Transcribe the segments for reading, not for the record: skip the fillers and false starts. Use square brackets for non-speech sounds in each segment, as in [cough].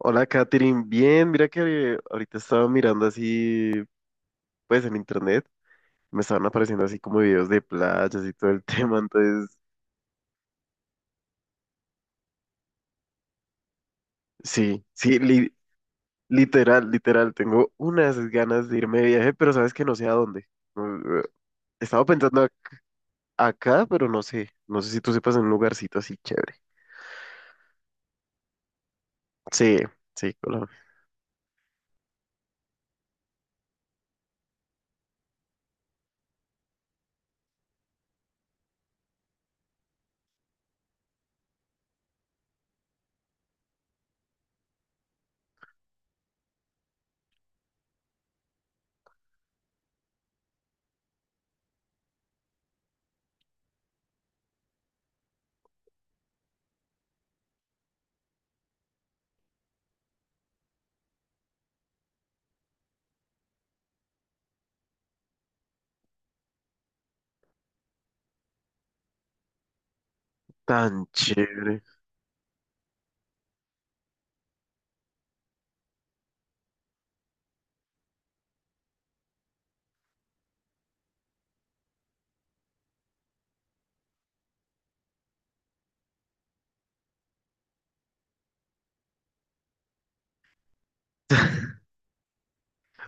Hola, Katherine. Bien, mira que ahorita estaba mirando así, pues en internet, me estaban apareciendo así como videos de playas y todo el [laughs] tema, entonces, sí, sí, literal, literal, tengo unas ganas de irme de viaje, pero sabes que no sé a dónde. Mm, eh, Estaba pensando ac- acá, pero no sé, no sé si tú sepas en un lugarcito así chévere. Sí, sí, Colombia. Tan chévere.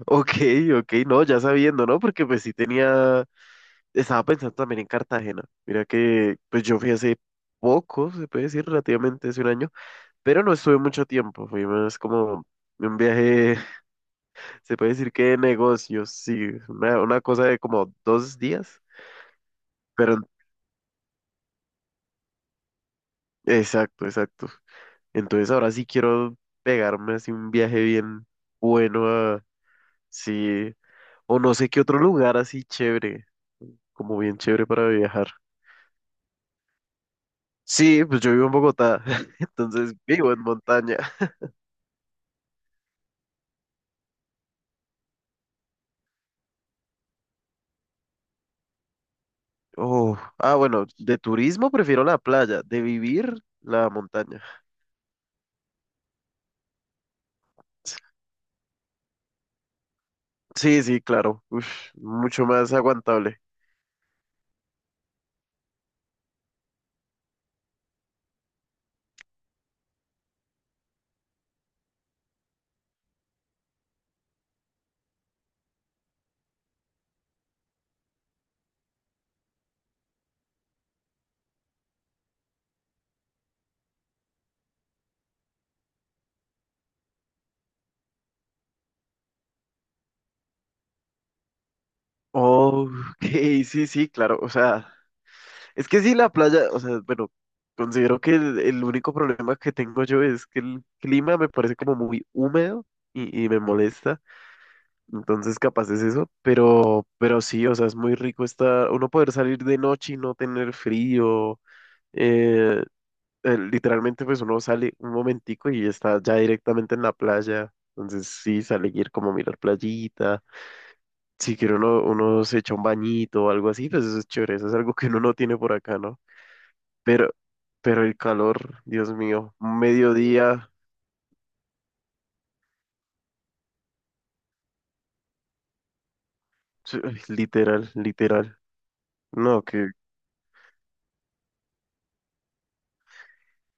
Ok, ok, no, ya sabiendo, ¿no? Porque pues sí tenía... Estaba pensando también en Cartagena. Mira que pues yo fui hace poco, se puede decir, relativamente hace un año, pero no estuve mucho tiempo. Fui más como un viaje, [laughs] se puede decir que de negocios, sí, una cosa de como dos días, pero exacto, exacto. Entonces ahora sí quiero pegarme así un viaje bien bueno a, sí, o no sé qué otro lugar así chévere, como bien chévere para viajar. Sí, pues yo vivo en Bogotá, [laughs] entonces vivo en montaña. Oh, ah, bueno, de turismo prefiero la playa, de vivir la montaña. Sí, sí, claro. Uf, mucho más aguantable. Oh, [laughs] ok, sí, sí, claro. O sea, es que sí, la playa, o sea, bueno, considero que el único problema que tengo yo es que el clima me parece como muy húmedo y me molesta. Entonces, capaz es eso. Pero sí, o sea, es muy rico estar, uno poder salir de noche y no tener frío. eh, literalmente pues uno sale un momentico y está ya directamente en la playa. Entonces sí, sale ir como a mirar playita. Si quiere uno, uno se echa un bañito o algo así, pues eso es chévere. Eso es algo que uno no tiene por acá, ¿no? Pero, pero el calor, Dios mío, un mediodía, sí, [laughs] ay, literal, literal. No, que...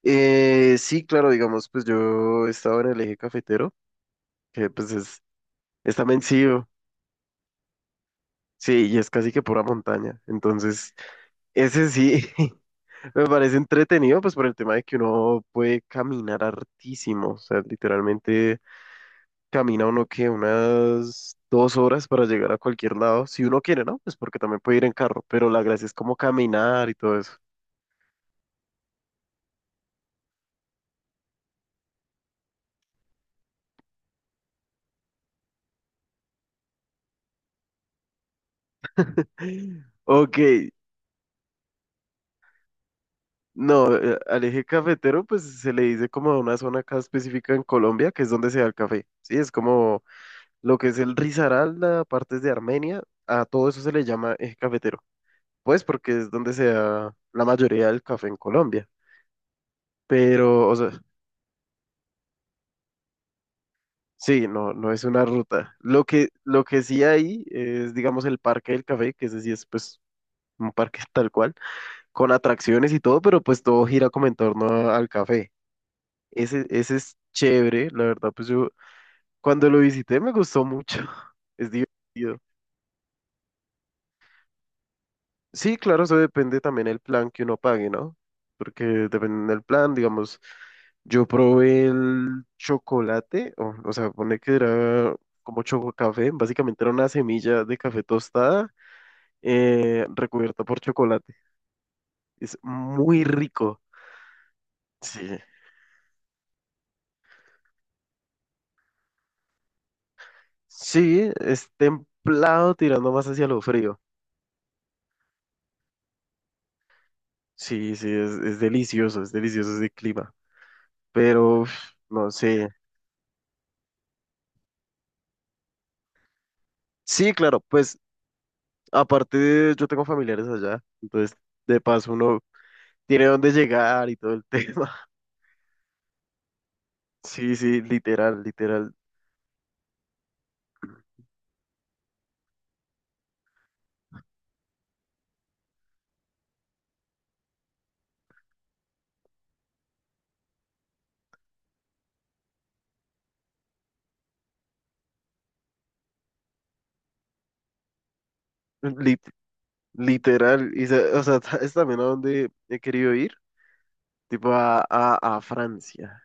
sí, claro, digamos, pues yo estaba en el eje cafetero, que pues es, está vencido. Sí, sí, y es casi que pura montaña. Entonces, ese sí. [laughs] Me parece entretenido, pues por el tema de que uno puede caminar hartísimo, o sea, literalmente camina uno que unas dos horas para llegar a cualquier lado, si uno quiere, ¿no? Pues porque también puede ir en carro, pero la gracia es como caminar y todo eso. [gasps] Ok, no, al eje cafetero pues se le dice como a una zona acá específica en Colombia, que es donde se da el café, ¿sí? Es como lo que es el Risaralda, partes de Armenia, a todo eso se le llama eje cafetero. Pues porque es donde se da la mayoría del café en Colombia. Pero, o sea, sí, no, no es una ruta. Lo que sí hay es, digamos, el Parque del Café, que ese sí es, pues, un parque [laughs] tal cual, con atracciones y todo, pero pues todo gira como en torno a- al café. Ese es chévere, la verdad, pues yo cuando lo visité me gustó mucho. [laughs] Es divertido. Sí, claro, eso depende también el plan que uno pague, ¿no? Porque depende del plan, digamos, yo probé el chocolate, o sea, pone que era como chococafé, básicamente era una semilla de café tostada recubierta por chocolate. Es muy rico. Sí, sí, es templado tirando más hacia lo frío. Sí, sí, es delicioso ese clima. Pero, uf, no sé. Sí, claro, pues aparte, yo tengo familiares allá, entonces de paso uno tiene dónde llegar y todo el tema. [laughs] Sí, sí, literal, literal, lit- literal. Y, se, o sea, [laughs] es también a donde he querido ir, tipo a Francia.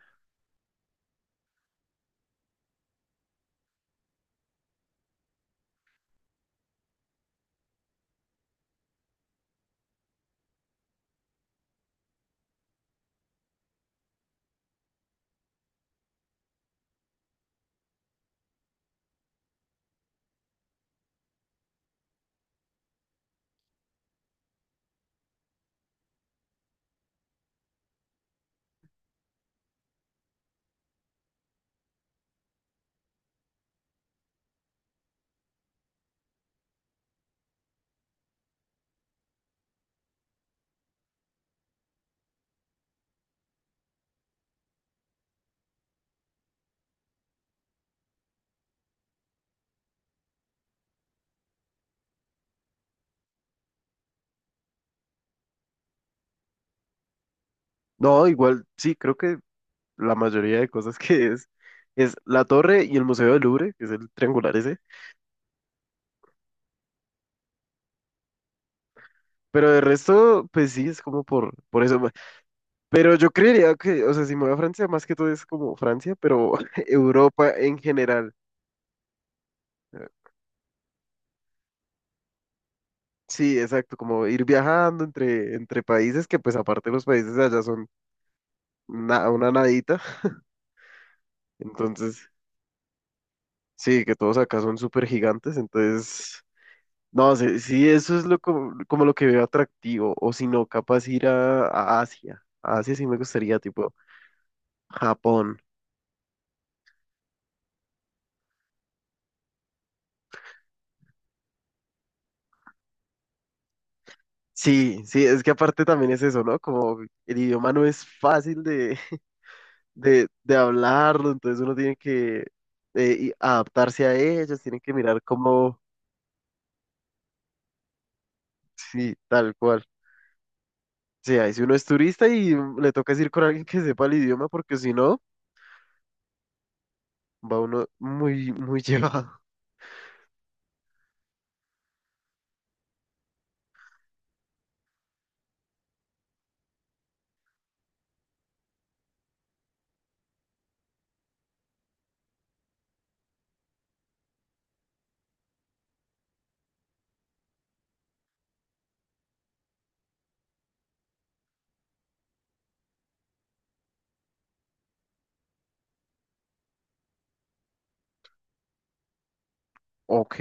No, igual, sí, creo que la mayoría de cosas que es la torre y el Museo del Louvre, que es el triangular ese. Pero de resto, pues sí, es como por eso. Pero yo creería que, o sea, si me voy a Francia, más que todo es como Francia, pero [laughs] Europa en general. Sí, exacto, como ir viajando entre, entre países que pues aparte los países de allá son una nadita, entonces sí, que todos acá son súper gigantes, entonces no sé, sí, eso es lo como, como lo que veo atractivo, o si no, capaz ir a Asia sí me gustaría, tipo Japón. Sí, sí, es que aparte también es eso, ¿no? Como el idioma no es fácil de hablarlo, entonces uno tiene que y adaptarse a ellos, tiene que mirar cómo, sí, tal cual. Sí, ahí si uno es turista y le toca es ir con alguien que sepa el idioma, porque si no, va uno muy, muy [laughs] llevado. Ok,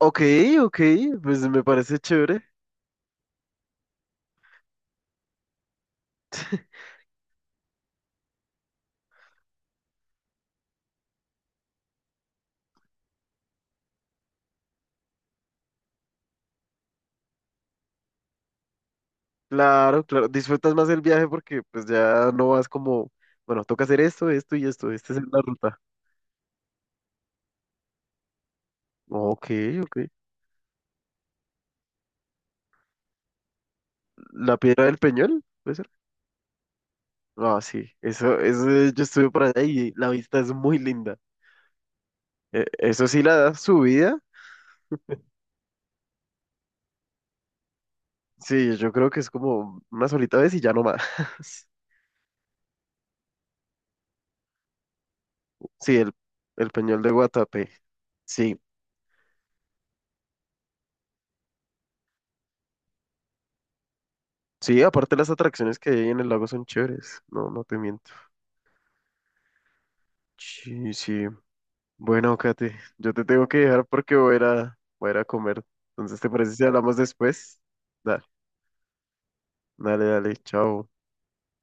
ok, ok, pues me parece chévere. Claro, claro, disfrutas más el viaje porque pues ya no vas como, bueno, toca hacer esto, esto y esto, esta es la ruta. Ok, ok. ¿La Piedra del Peñol? ¿Puede ser? Ah, sí, eso, yo estuve por allá y la vista es muy linda. Eso sí, la subida, sí, yo creo que es como una solita vez y ya no más. [laughs] Sí, el Peñol de Guatapé. Sí, sí, aparte las atracciones que hay en el lago son chéveres. No, no te miento. Sí, sí. Bueno, Kate, yo te tengo que dejar porque voy a ir a, voy a ir a comer. Entonces, ¿te parece si hablamos después? Da, dale, dale, chao.